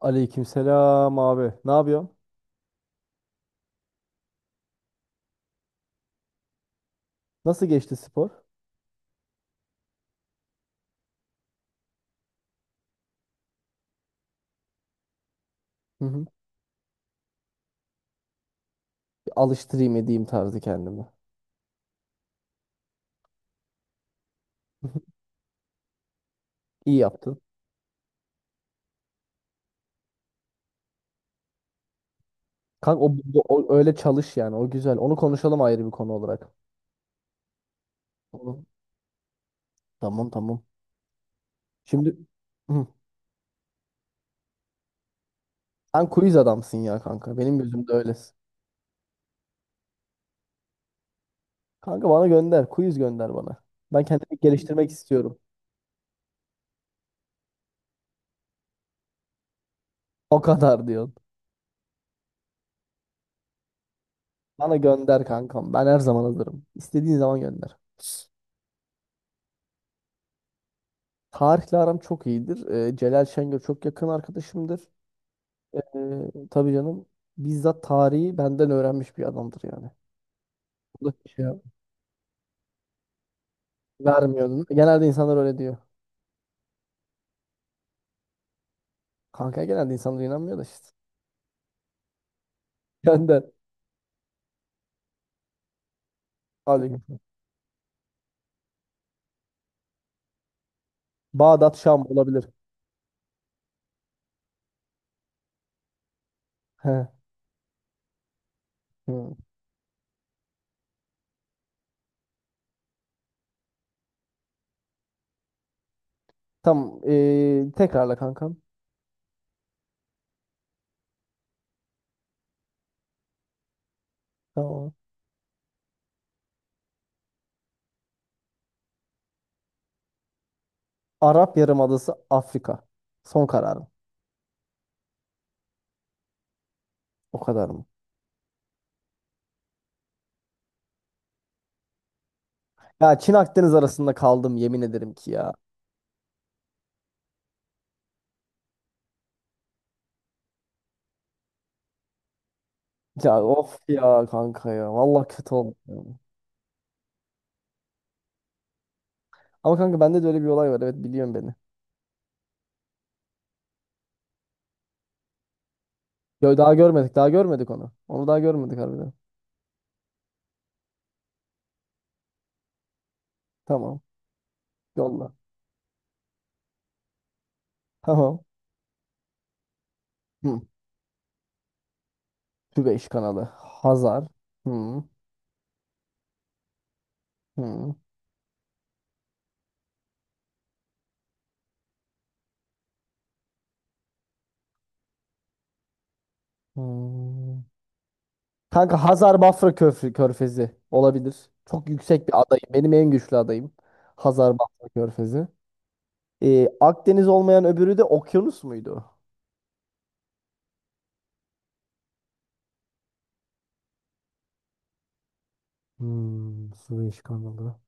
Aleykümselam abi. Ne yapıyorsun? Nasıl geçti spor? Hı hı. Bir alıştırayım edeyim tarzı kendime. Hı hı. İyi yaptın. Kanka öyle çalış yani. O güzel. Onu konuşalım ayrı bir konu olarak. Onu- Tamam. Şimdi. Hı. Sen quiz adamsın ya kanka. Benim gözümde öylesin. Kanka bana gönder. Quiz gönder bana. Ben kendimi geliştirmek istiyorum. O kadar diyorsun. Bana gönder kankam. Ben her zaman hazırım. İstediğin zaman gönder. Tarihle aram çok iyidir. Celal Şengör çok yakın arkadaşımdır. Tabii canım. Bizzat tarihi benden öğrenmiş bir adamdır yani. Bu da şey yap- vermiyordun. Genelde insanlar öyle diyor. Kanka genelde insanlar inanmıyor da işte. Benden. Hadi. Bağdat Şam olabilir. He. Hı. Tamam. Tekrarla kankam. Tamam. Arap Yarımadası Afrika. Son kararım. O kadar mı? Ya Çin Akdeniz arasında kaldım yemin ederim ki ya. Ya of ya kanka ya. Vallahi kötü oldu. Ama kanka bende de öyle bir olay var. Evet biliyorum beni. Yo, daha görmedik. Daha görmedik onu. Onu daha görmedik harbiden. Tamam. Yolla. Tamam. Hı. Tübeş kanalı. Hazar. Hı. Hı. Hı. Kanka Hazar Bafra Köfrü, Körfezi olabilir. Çok yüksek bir adayım. Benim en güçlü adayım. Hazar Bafra Körfezi. Akdeniz olmayan öbürü de okyanus muydu? Hmm, Süveyş kanalı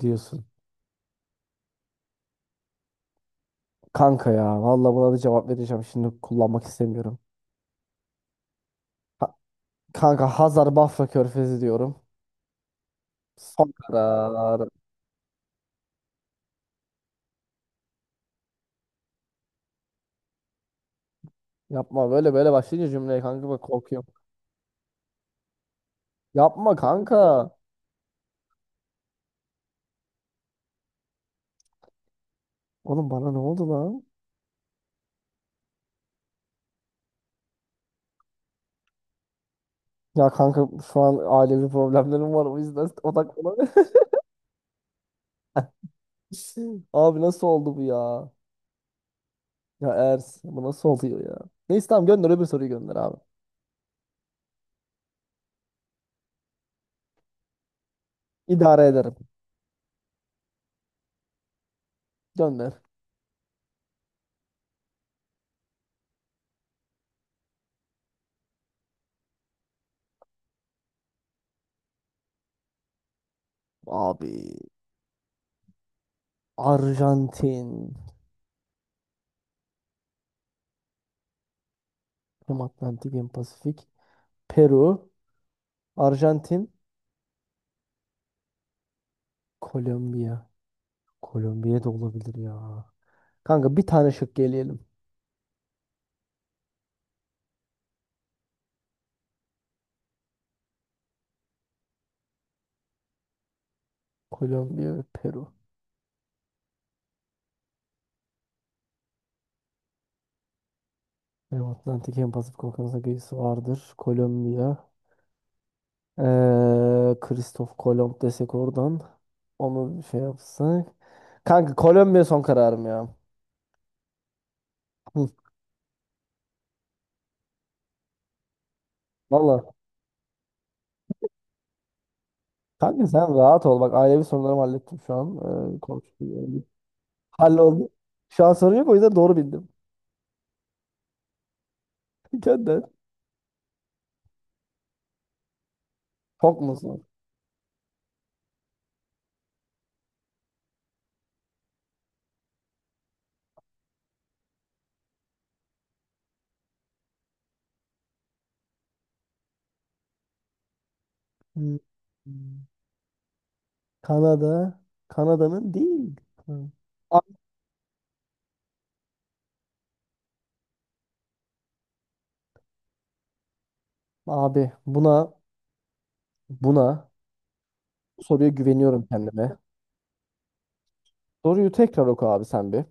diyorsun. Kanka ya vallahi buna da cevap vereceğim. Şimdi kullanmak istemiyorum. Ha- kanka Hazar Bafra Körfezi diyorum. Son karar. Yapma, böyle böyle başlayınca cümleye kanka bak korkuyorum. Yapma kanka. Oğlum bana ne oldu lan? Ya kanka şu an ailevi problemlerim var o yüzden odaklanamıyorum. Abi nasıl oldu bu ya? Ya Ers bu nasıl oluyor ya? Neyse tamam gönder, öbür soruyu gönder abi. İdare ederim. Gönder. Abi Arjantin. Hem Atlantik hem Pasifik. Peru. Arjantin. Kolombiya. Kolombiya da olabilir ya. Kanka bir tane şık geleyelim. Kolombiya ve Peru. Hem Atlantik hem Pasifik Okyanusu'na geçisi vardır. Kolombiya. Kristof Kolomb desek oradan. Onu bir şey yapsak. Kanka Kolombiya son kararım ya. Hı. Vallahi. Kanka sen rahat ol. Bak ailevi sorularımı hallettim şu an. Konuştum. Halloldu. Şu an sorun yok, o yüzden doğru bildim. Gönder. Çok musun? Hmm. Kanada. Kanada'nın değil. Hı. Abi buna bu soruya güveniyorum kendime. Soruyu tekrar oku abi sen bir.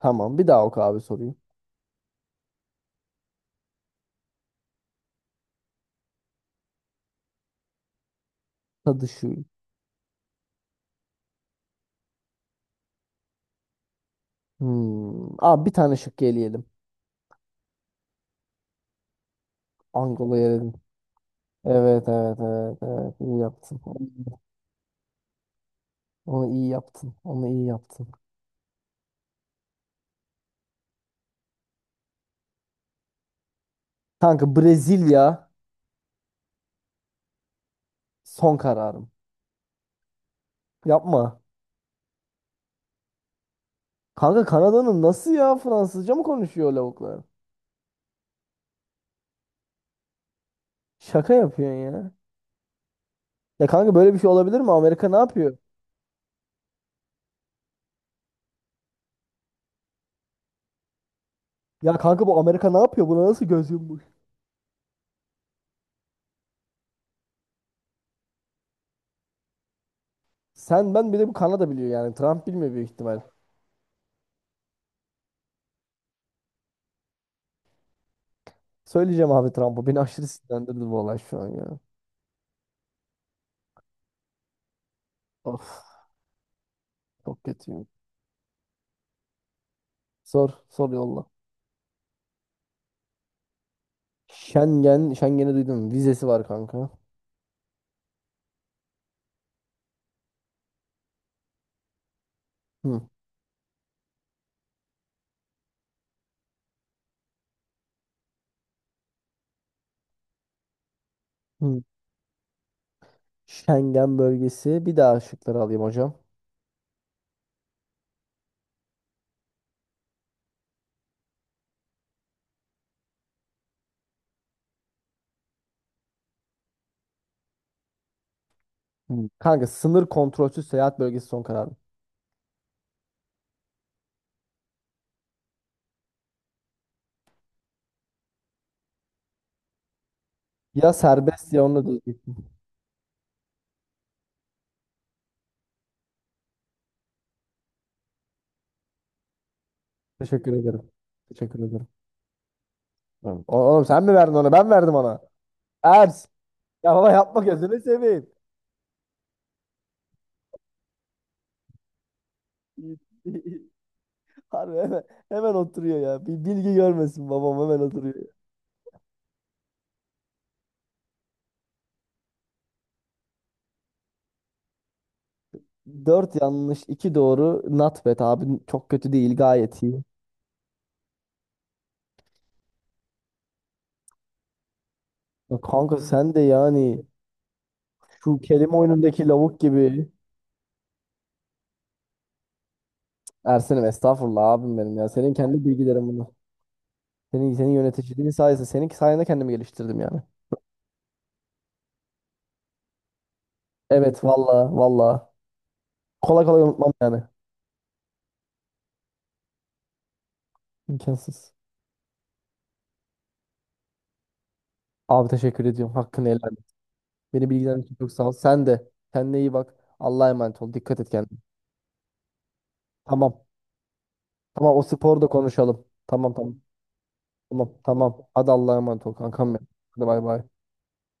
Tamam bir daha oku abi sorayım. Tadı şu. Hmm. Abi bir tane şık eleyelim. Angola'yı eledin. Evet, iyi yaptın. Onu iyi yaptın. Onu iyi yaptın. Kanka Brezilya son kararım. Yapma. Kanka Kanada'nın nasıl ya Fransızca mı konuşuyor lavuklar? Şaka yapıyorsun ya. Ya kanka böyle bir şey olabilir mi? Amerika ne yapıyor? Ya kanka bu Amerika ne yapıyor? Buna nasıl göz yummuş? Sen ben bir de bu Kanada biliyor yani. Trump bilmiyor büyük ihtimal. Söyleyeceğim abi Trump'a. Beni aşırı sinirlendirdi bu olay şu an ya. Of çok kötüyüm. Sor sor yolla. Schengen. Schengen'i duydum. Vizesi var kanka. Hı. Hı. Schengen bölgesi. Bir daha şıkları alayım hocam. Hı. Kanka sınır kontrolsüz seyahat bölgesi son kararım. Ya serbest ya onunla da. Teşekkür ederim. Teşekkür ederim. Tamam. O- Oğlum sen mi verdin ona? Ben verdim ona. Ers. Ya baba yapma gözünü seveyim. Harbi hemen, hemen oturuyor ya. Bir bilgi görmesin babam hemen oturuyor. 4 yanlış, 2 doğru. Not bad abi. Çok kötü değil. Gayet iyi. Ya kanka sen de yani şu kelime oyunundaki lavuk gibi. Ersen'im estağfurullah abim benim ya. Senin kendi bilgilerin bunlar. Senin, senin yöneticiliğin sayesinde. Senin sayende kendimi geliştirdim yani. Evet, valla valla. Kolay kolay unutmam yani. İmkansız. Abi teşekkür ediyorum. Hakkını helal et. Beni bilgilendirdin için çok sağ ol. Sen de. Kendine iyi bak. Allah'a emanet ol. Dikkat et kendine. Tamam. Tamam o sporu da konuşalım. Tamam. Tamam. Hadi Allah'a emanet ol kankam benim. Hadi bay bay.